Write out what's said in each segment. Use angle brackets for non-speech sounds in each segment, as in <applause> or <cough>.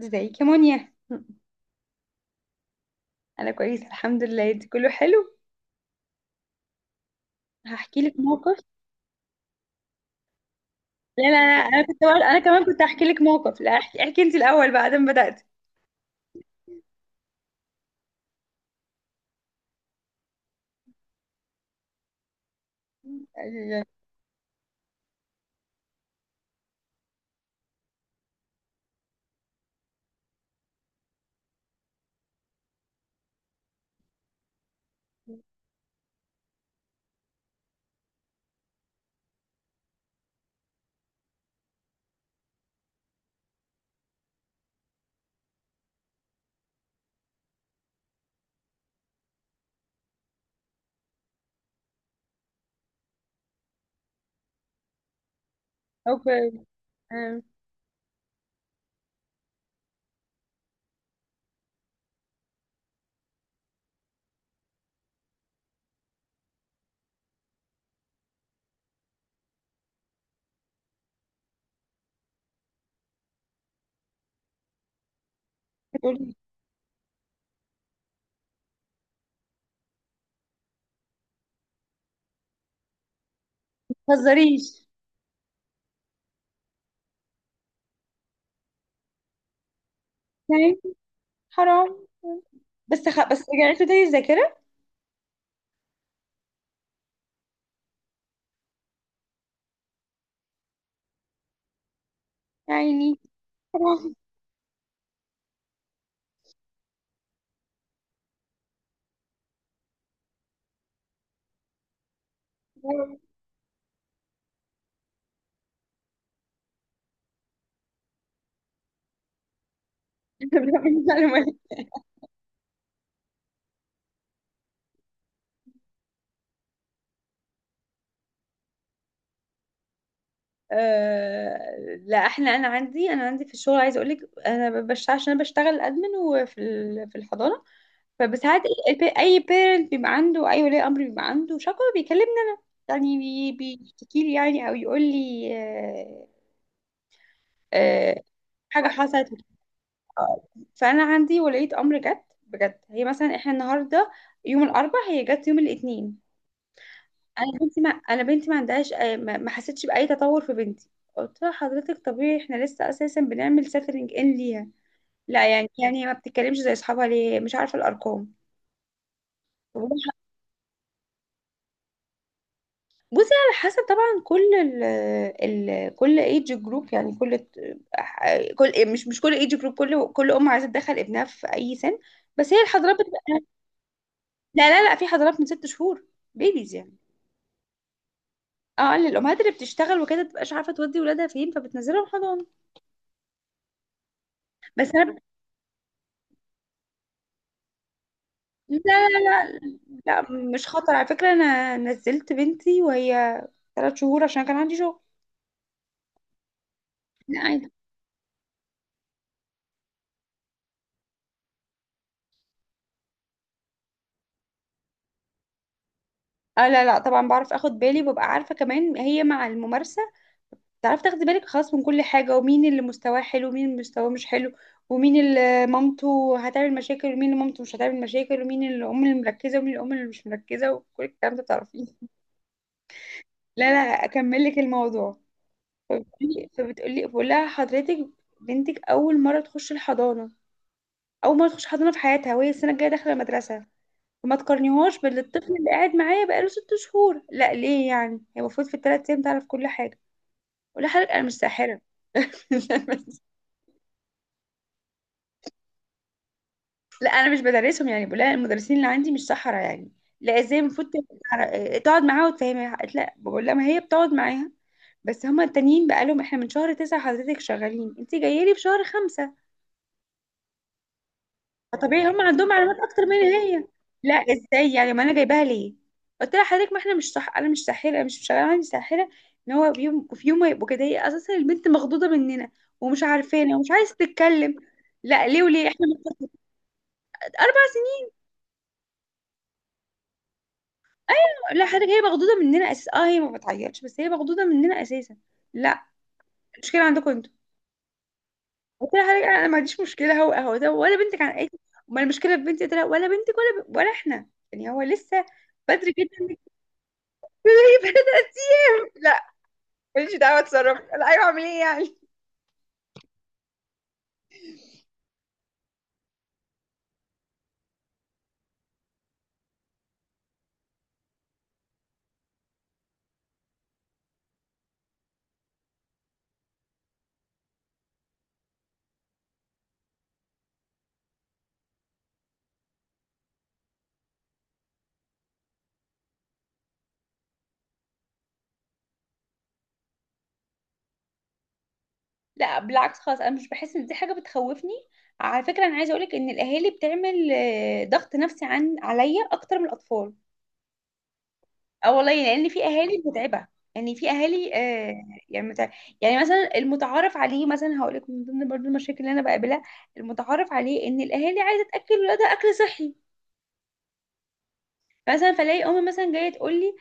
ازيك يا مونيا؟ انا كويس الحمد لله، انت كله حلو؟ هحكي لك موقف. لا لا لا، انا كمان كنت هحكي لك موقف. لا احكي, احكي انت الاول بعد ما بدأت. اوكي. آه، بتقولي. ما تهزريش. يعني حرام. بس رجعت له تاني الذاكرة. يعني حرام. <laughs> معلومات. آه... لا احنا، انا عندي في الشغل. عايزه اقول لك انا بشتغل، عشان انا بشتغل ادمن وفي ال... في الحضانة. فبساعات اي بيرنت بيبقى عنده، اي ولي امر بيبقى عنده شكوى بيكلمنا. يعني بيشتكي لي، يعني او يقول لي آه، حاجه حصلت. آه. فانا عندي ولية امر جت بجد، هي مثلا احنا النهارده يوم الاربع، هي جت يوم الاثنين. انا بنتي ما عندهاش ما حسيتش باي تطور في بنتي. قلت لها حضرتك طبيعي، احنا لسه اساسا بنعمل سيتلينج ان ليها. لا يعني، هي ما بتتكلمش زي اصحابها ليه، مش عارفه الارقام. بصي على حسب طبعا، كل ال ال كل ايج جروب، يعني كل كل مش مش كل ايج جروب، كل ام عايزه تدخل ابنها في اي سن. بس هي الحضانات بتبقى... لا لا لا، في حضانات من 6 شهور، بيبيز يعني. اه للامهات اللي بتشتغل وكده، متبقاش عارفه تودي ولادها فين، فبتنزلهم حضانه. بس انا... لا لا لا لا، مش خطر على فكره، انا نزلت بنتي وهي 3 شهور عشان كان عندي شغل. لا عادي. اه لا لا، طبعا بعرف اخد بالي، وببقى عارفه كمان هي مع الممارسه تعرف تاخدي بالك خلاص من كل حاجة، ومين اللي مستواه حلو ومين اللي مستواه مش حلو، ومين اللي مامته هتعمل مشاكل ومين اللي مامته مش هتعمل مشاكل، ومين الأم اللي مركزة ومين الأم اللي مش مركزة، وكل الكلام ده تعرفيه. لا لا، أكمل لك الموضوع. فبتقولي بقول لها حضرتك بنتك أول مرة تخش الحضانة، أول مرة تخش حضانة في حياتها وهي السنة الجاية داخلة المدرسة، فما تقارنيهاش بالطفل اللي قاعد معايا بقاله 6 شهور. لا ليه، يعني هي المفروض في الثلاث أيام تعرف كل حاجة؟ ولا حضرتك أنا مش ساحرة. <laughs> لا انا مش بدرسهم، يعني بقول لها المدرسين اللي عندي مش سحرة يعني. لا ازاي، المفروض تقعد معاها وتفهمها. قالت لا. بقول لها ما هي بتقعد معاها، بس هما التانيين بقى لهم احنا من شهر 9 حضرتك شغالين، انت جايه لي في شهر 5، فطبيعي هما عندهم معلومات اكتر مني هي. لا ازاي يعني، ما انا جايباها ليه. قلت لها حضرتك ما احنا مش صح، انا مش ساحره، أنا مش شغاله عندي ساحره، ان هو في يوم ما يبقوا كده. هي اساسا البنت مخضوضه مننا، ومش عارفانا ومش عايزه تتكلم. لا ليه وليه احنا... 4. لا حضرتك هي مخضوضه مننا اساسا، اه هي ما بتعيطش، بس هي مخضوضه مننا اساسا. لا المشكله عندكم انتوا، قلت لها حضرتك انا ما عنديش مشكله، هو ده ولا بنتك عن اي. امال المشكله في بنتي؟ قلت لها ولا بنتك ولا احنا، يعني هو لسه بدري جدا <laughs> انك تجيبي بنتك. لا ماليش دعوه، اتصرف. لا ايوه اعمل ايه يعني. لا بالعكس خالص، انا مش بحس ان دي حاجه بتخوفني. على فكره انا عايزه اقولك ان الاهالي بتعمل ضغط نفسي عن عليا اكتر من الاطفال. اه والله يعني، لان في اهالي متعبه. يعني في اهالي يعني يعني مثلا المتعارف عليه، مثلا هقول لك من ضمن برضو المشاكل اللي انا بقابلها، المتعارف عليه ان الاهالي عايزه تاكل ولادها اكل صحي. مثلا فلاقي امي مثلا جايه تقول لي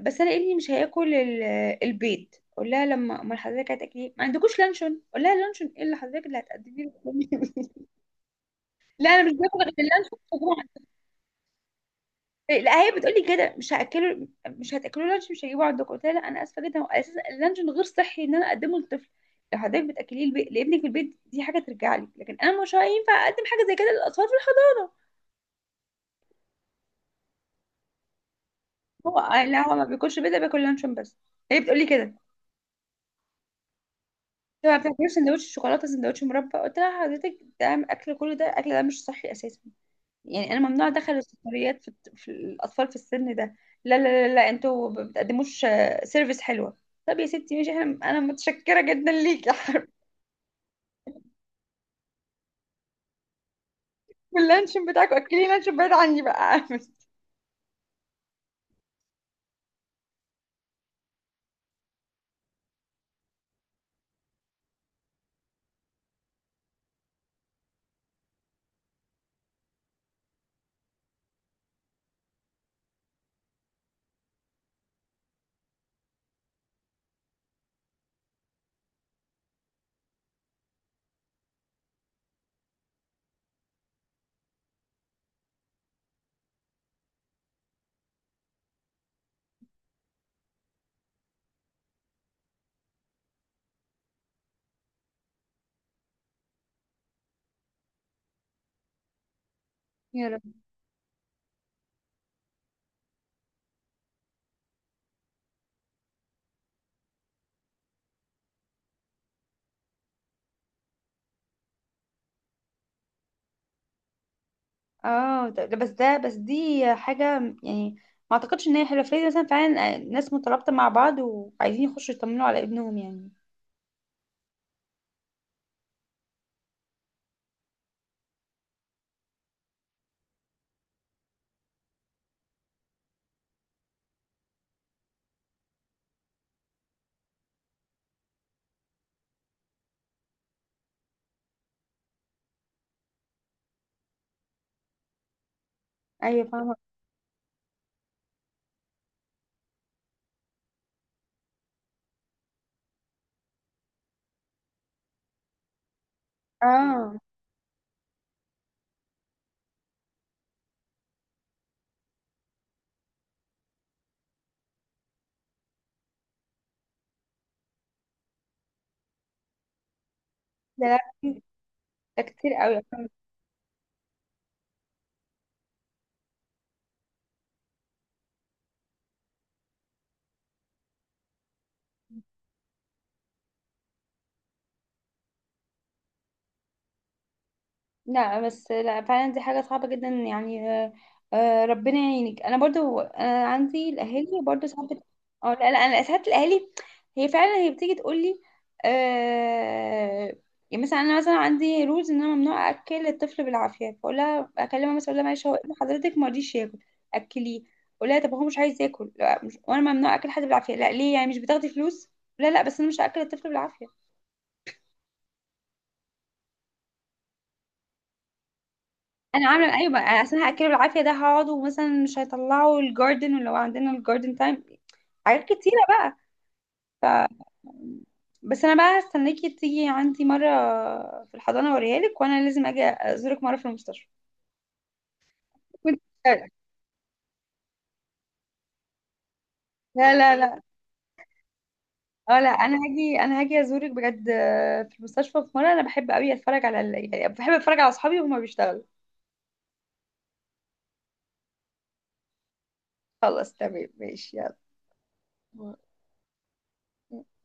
بس انا ابني مش هياكل البيض. اقول لها لما امال حضرتك هتاكلي، ما عندكوش لانشون؟ اقول لها لانشون ايه اللي حضرتك اللي هتقدميه لي؟ <laughs> لا انا مش باكل غير اللانشون. لا هي بتقولي كده، مش هاكله، مش هتاكلوا لانش مش هجيبه عندكم. قلت لها لا انا اسفه جدا، هو اساسا اللانشون غير صحي ان انا اقدمه للطفل، لو حضرتك بتاكليه لابنك في البيت دي حاجه ترجع لك، لكن انا مش هينفع اقدم حاجه زي كده للاطفال في الحضانه. هو قال لا، هو ما بياكلش بيضه، بياكل لانشون بس. هي بتقولي كده، انت ما بتاكلش سندوتش شوكولاته سندوتش مربى؟ قلت لها حضرتك ده اكل، كله ده اكل، ده مش صحي اساسا. يعني انا ممنوع ادخل السكريات في الاطفال في السن ده. لا لا لا, لا، انتوا ما بتقدموش سيرفيس حلوه. طب يا ستي ماشي، احنا انا متشكره جدا ليكي. <laughs> واللانشون بتاعكم، اكلين لانشون بعيد عني بقى. <laughs> يا رب. اه ده بس دي حاجه يعني، ما اعتقدش ان هي حلوه فريد، مثلا فعلا ناس مترابطه مع بعض وعايزين يخشوا يطمنوا على ابنهم يعني. ايوه فاهمه. اه ده لا، ده كتير قوي. لا بس لا فعلا دي حاجة صعبة جدا يعني، ربنا يعينك. انا برضو انا عندي الاهالي برضو ساعات اه لا لا، انا ساعات الاهالي هي فعلا هي بتيجي تقول لي آه يعني، مثلا انا مثلا عندي رولز ان انا ممنوع اكل الطفل بالعافية، فاقول لها اكلمها مثلا اقول لها معلش هو ابن حضرتك ما رضيش ياكل، اكليه. اقول لها طب هو مش عايز ياكل، لا مش، وانا ممنوع اكل حد بالعافية. لا ليه يعني، مش بتاخدي فلوس؟ لا لا، بس انا مش هاكل الطفل بالعافية. انا عامله ايوه بقى، عشان هاكله بالعافيه، ده هقعد ومثلا مش هيطلعوا الجاردن ولو عندنا الجاردن تايم، حاجات كتيره بقى. ف بس انا بقى هستناكي تيجي عندي مره في الحضانه اوريها لك، وانا لازم اجي ازورك مره في المستشفى. وإنت- لا لا لا، اه لا انا هاجي، انا هاجي ازورك بجد في المستشفى. في مره، انا بحب قوي اتفرج على يعني بحب اتفرج على اصحابي وهما بيشتغلوا. خلاص تمام ماشي. يلا.